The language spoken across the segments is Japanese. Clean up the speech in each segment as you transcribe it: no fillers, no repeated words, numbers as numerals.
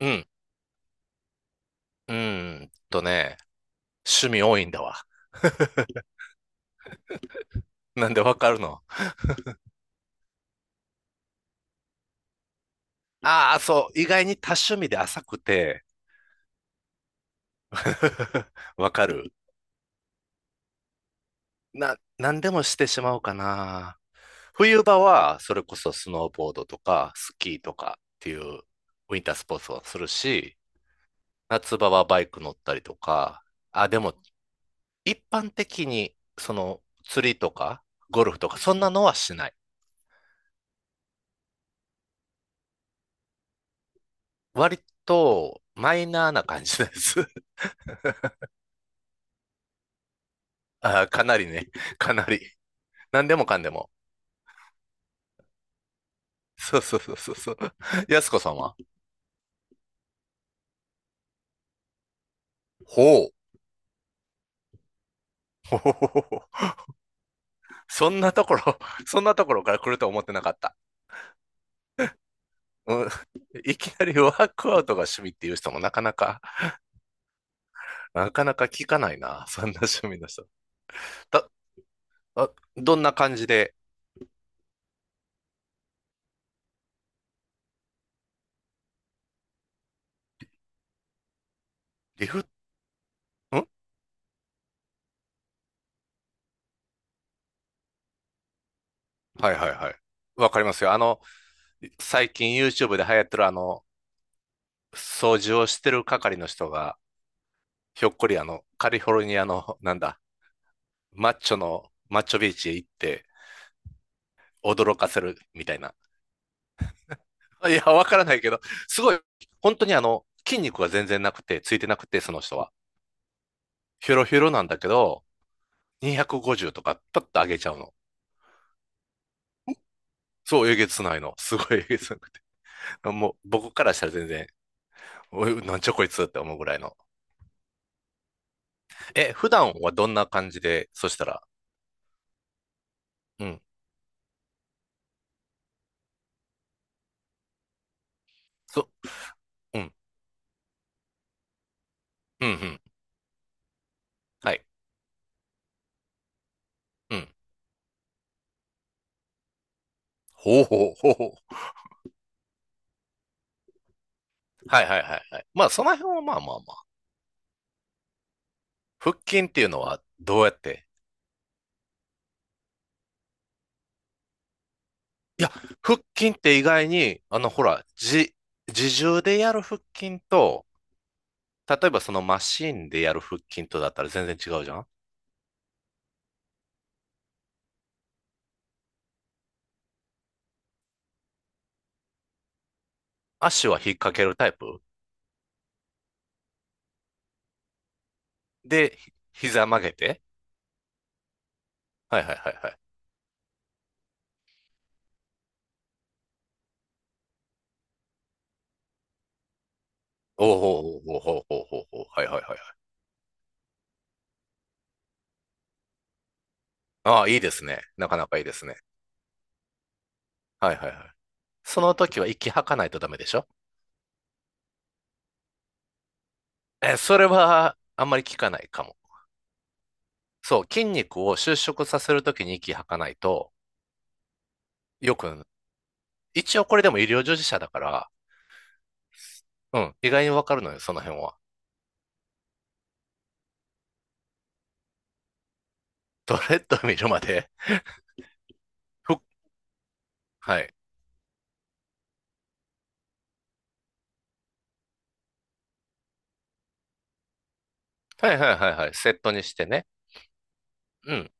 うん。うーんとね、趣味多いんだわ。なんでわかるの？ああ、そう。意外に多趣味で浅くて、わかる。何でもしてしまうかな。冬場は、それこそスノーボードとか、スキーとかっていうウィンタースポーツをするし、夏場はバイク乗ったりとか、あ、でも、一般的に、釣りとか、ゴルフとか、そんなのはしない。割と、マイナーな感じです。ああかなりね。かなり。何でもかんでも。そうそうそうそうそう。やすこさんは？ほう。ほほほほほ。そんなところ、そんなところから来ると思ってなかった。うん、いきなりワークアウトが趣味っていう人もなかなか聞かないな。そんな趣味の人。た、あ、どんな感じで、リフ、んはいはいはい。わかりますよ。最近 YouTube で流行ってる掃除をしてる係の人が、ひょっこりカリフォルニアの、なんだ、マッチョビーチへ行って驚かせるみたいな。いや、わからないけど、すごい、本当に筋肉が全然なくて、ついてなくて、その人は。ヒョロヒョロなんだけど、250とか、パッと上げちゃうの。そう、えげつないの。すごいえげつない。もう、僕からしたら全然、おい、なんちゃこいつって思うぐらいの。え、普段はどんな感じで、そしたら、うん、そ、うん、うん、うん、はい、うん、ほうほうほうほう。はいはいはいはい。まあ、その辺はまあまあまあ。腹筋っていうのはどうやって？いや、腹筋って意外に、ほら、自重でやる腹筋と、例えばそのマシンでやる腹筋とだったら全然違うじゃん。足は引っ掛けるタイプで、膝曲げて。はいはいはいはい。おおおおおおおおお。はいはいはいはい。ああ、いいですね。なかなかいいですね。はいはいはい。その時は息吐かないとダメでしょ？え、それはあんまり効かないかも。そう、筋肉を収縮させるときに息吐かないと、よく、一応これでも医療従事者だから、うん、意外にわかるのよ、その辺は。ドレッド見るまで。ふっ、はい。はいはいはいはい。セットにしてね。うん。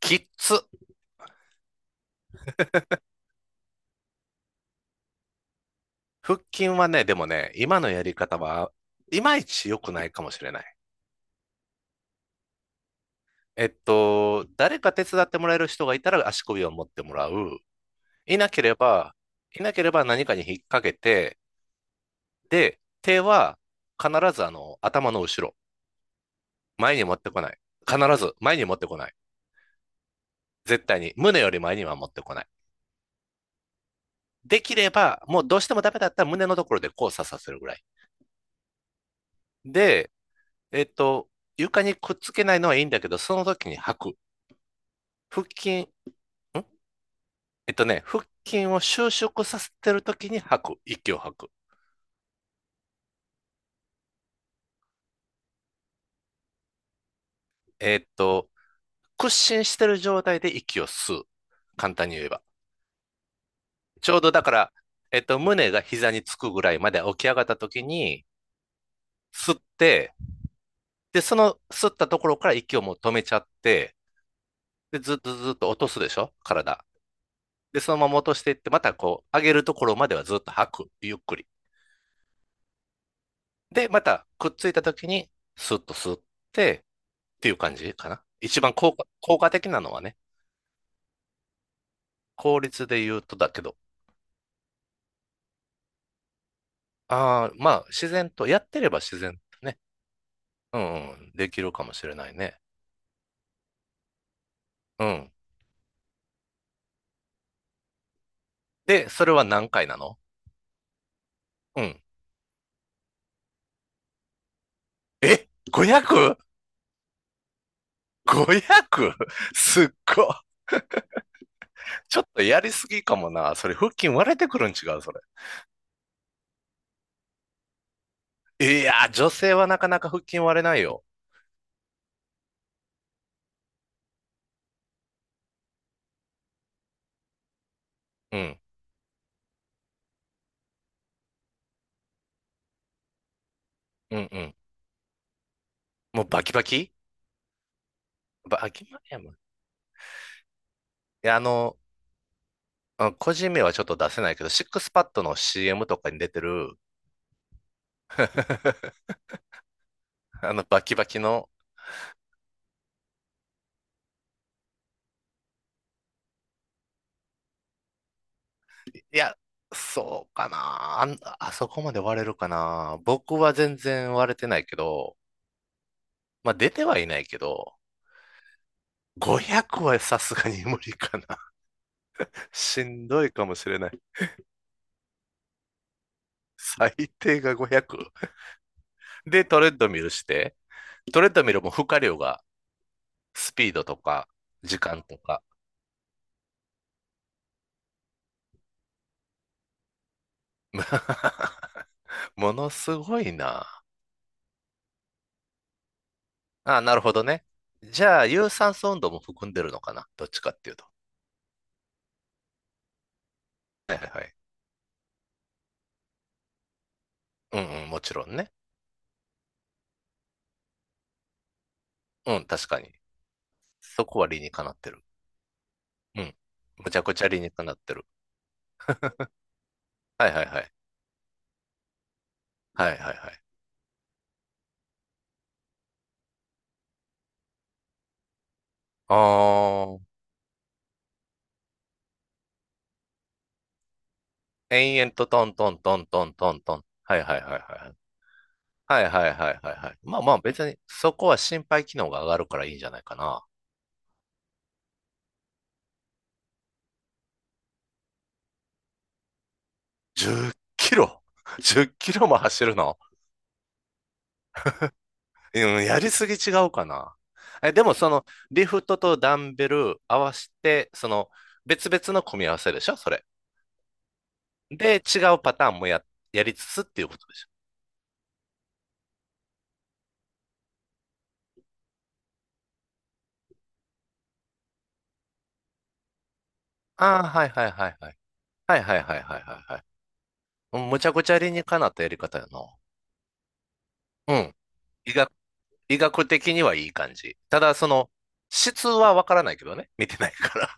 きっつ。腹筋はね、でもね、今のやり方は、いまいち良くないかもしれない。誰か手伝ってもらえる人がいたら足首を持ってもらう。いなければ、いなければ何かに引っ掛けて、で、手は必ず頭の後ろ。前に持ってこない。必ず前に持ってこない。絶対に。胸より前には持ってこない。できれば、もうどうしてもダメだったら胸のところで交差させるぐらい。で、えっと、床にくっつけないのはいいんだけど、その時に吐く。腹筋、んえっとね、腹筋を収縮させてる時に吐く。息を吐く。えっと、屈伸してる状態で息を吸う。簡単に言えば。ちょうどだから、胸が膝につくぐらいまで起き上がった時に、吸って、で、その吸ったところから息をもう止めちゃって、で、ずっとずっと落とすでしょ、体。で、そのまま落としていって、またこう、上げるところまではずっと吐く。ゆっくり。で、またくっついた時に、スッと吸って、っていう感じかな。一番効果的なのはね、効率で言うとだけど、ああ、まあ、自然と、やってれば自然とね、うんうん、できるかもしれないね。うん。で、それは何回なの？うん。え ?500?500? すっご。ちょっとやりすぎかもな。それ、腹筋割れてくるん違う、それ。いやー、女性はなかなか腹筋割れないよ。うん。うんうん。もうバキバキバキマニアム。いや、うん、個人名はちょっと出せないけど、シックスパッドの CM とかに出てる、あのバキバキの、いや、そうかな。あそこまで割れるかな。僕は全然割れてないけど、まあ出てはいないけど、500はさすがに無理かな。しんどいかもしれない。最低が500。で、トレッドミルして、トレッドミルも負荷量がスピードとか時間とか、ものすごいな。あ、なるほどね。じゃあ、有酸素運動も含んでるのかな。どっちかっていうと。はいはいはい。うんうん、もちろんね。うん、確かに。そこは理にかなってる。うん。むちゃくちゃ理にかなってる。はいはいはい。はいはいはい。ああ、延々とトントントントントントン。はいはいはいはい。はいはいはいはいはい。まあまあ別に、そこは心肺機能が上がるからいいんじゃないかな。10キロ。 ?10 キロも走るの？うん、やりすぎ違うかな。え、でもその、リフトとダンベル合わせて、別々の組み合わせでしょ、それ。で、違うパターンもやりつつっていうことでしょ？ああ、はいはいはいはいはいはいはいはいはいはい。うん、むちゃくちゃ理にかなったやり方やな。うん。医学、医学的にはいい感じ。ただ、質はわからないけどね。見てないから。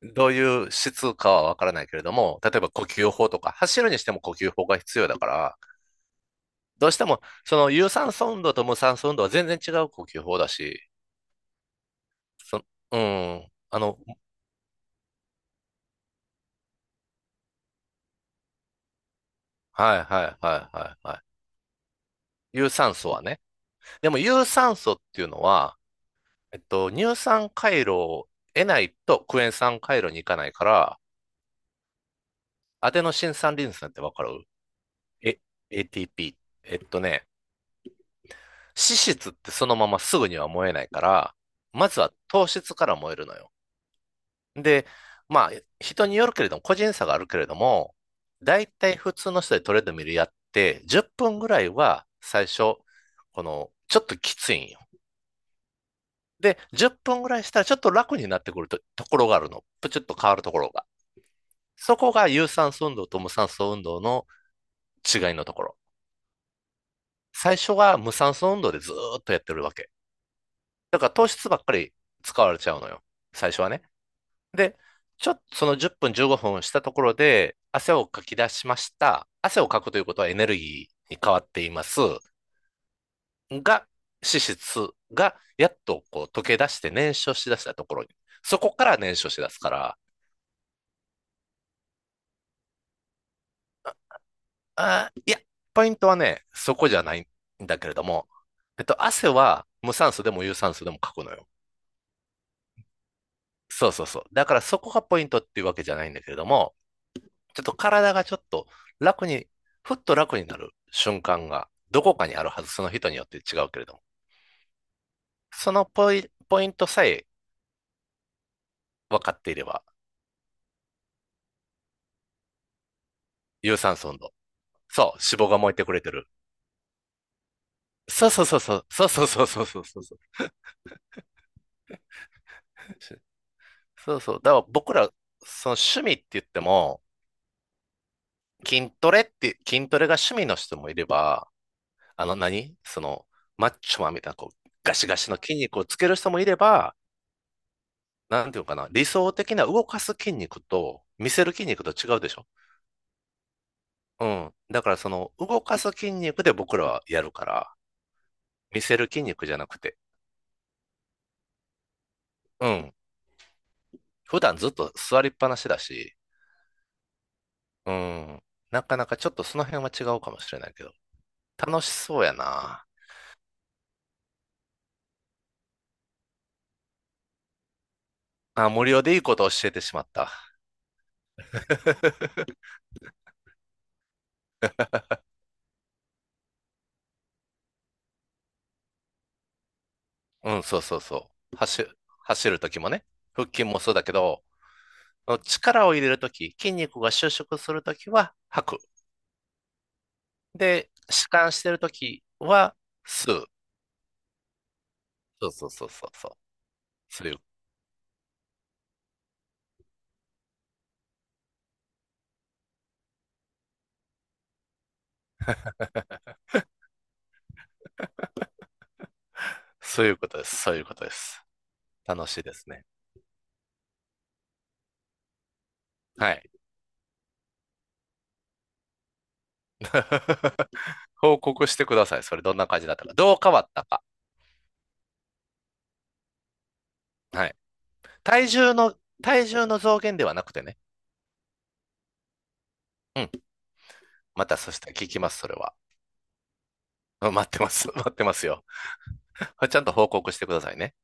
どういう質かはわからないけれども、例えば呼吸法とか、走るにしても呼吸法が必要だから、どうしても、その有酸素運動と無酸素運動は全然違う呼吸法だし、そ、うん、あの、はいはいはいはいはい。有酸素はね。でも有酸素っていうのは、乳酸回路を得ないとクエン酸回路に行かないから、アデノシン酸リン酸ってわかる？え、ATP。えっとね、脂質ってそのまますぐには燃えないから、まずは糖質から燃えるのよ。で、まあ、人によるけれども、個人差があるけれども、だいたい普通の人でトレードミルやって、10分ぐらいは最初、この、ちょっときついんよ。で、10分ぐらいしたらちょっと楽になってくると、ところがあるの。プチッと変わるところが。そこが有酸素運動と無酸素運動の違いのところ。最初は無酸素運動でずーっとやってるわけ。だから糖質ばっかり使われちゃうのよ。最初はね。で、ちょっとその10分15分したところで汗をかき出しました。汗をかくということはエネルギーに変わっています。が、脂質がやっとこう溶け出して燃焼しだしたところに。そこから燃焼しだすから、あー、いや、ポイントはね、そこじゃないんだけれども、汗は無酸素でも有酸素でもかくのよ。そうそうそう。だからそこがポイントっていうわけじゃないんだけれども、ちょっと体がちょっと楽に、ふっと楽になる瞬間がどこかにあるはず、その人によって違うけれども。そのポイントさえ分かっていれば、有酸素運動。そう、脂肪が燃えてくれてる。そうそうそうそう、そうそうそうそうそうそうそう。そうそう。だから僕ら、その趣味って言っても、筋トレって、筋トレが趣味の人もいれば、あの何その、マッチョマンみたいな、こう、ガシガシの筋肉をつける人もいれば、なんていうかな、理想的な動かす筋肉と見せる筋肉と違うでしょ？うん。だからその動かす筋肉で僕らはやるから、見せる筋肉じゃなくて、うん。普段ずっと座りっぱなしだし、うん。なかなかちょっとその辺は違うかもしれないけど、楽しそうやな。あ、無料でいいことを教えてしまった。うん、そうそうそう。走るときもね、腹筋もそうだけど、力を入れるとき、筋肉が収縮するときは吐く。で、弛緩してるときは、吸う。そうそうそうそうそう。そういう、そういうことです。そういうことです。楽しいですね。はい。報告してください。それどんな感じだったか。どう変わったか。はい。体重の、体重の増減ではなくてね。うん。またそしたら聞きます、それは。うん、待ってます。待ってますよ。ちゃんと報告してくださいね。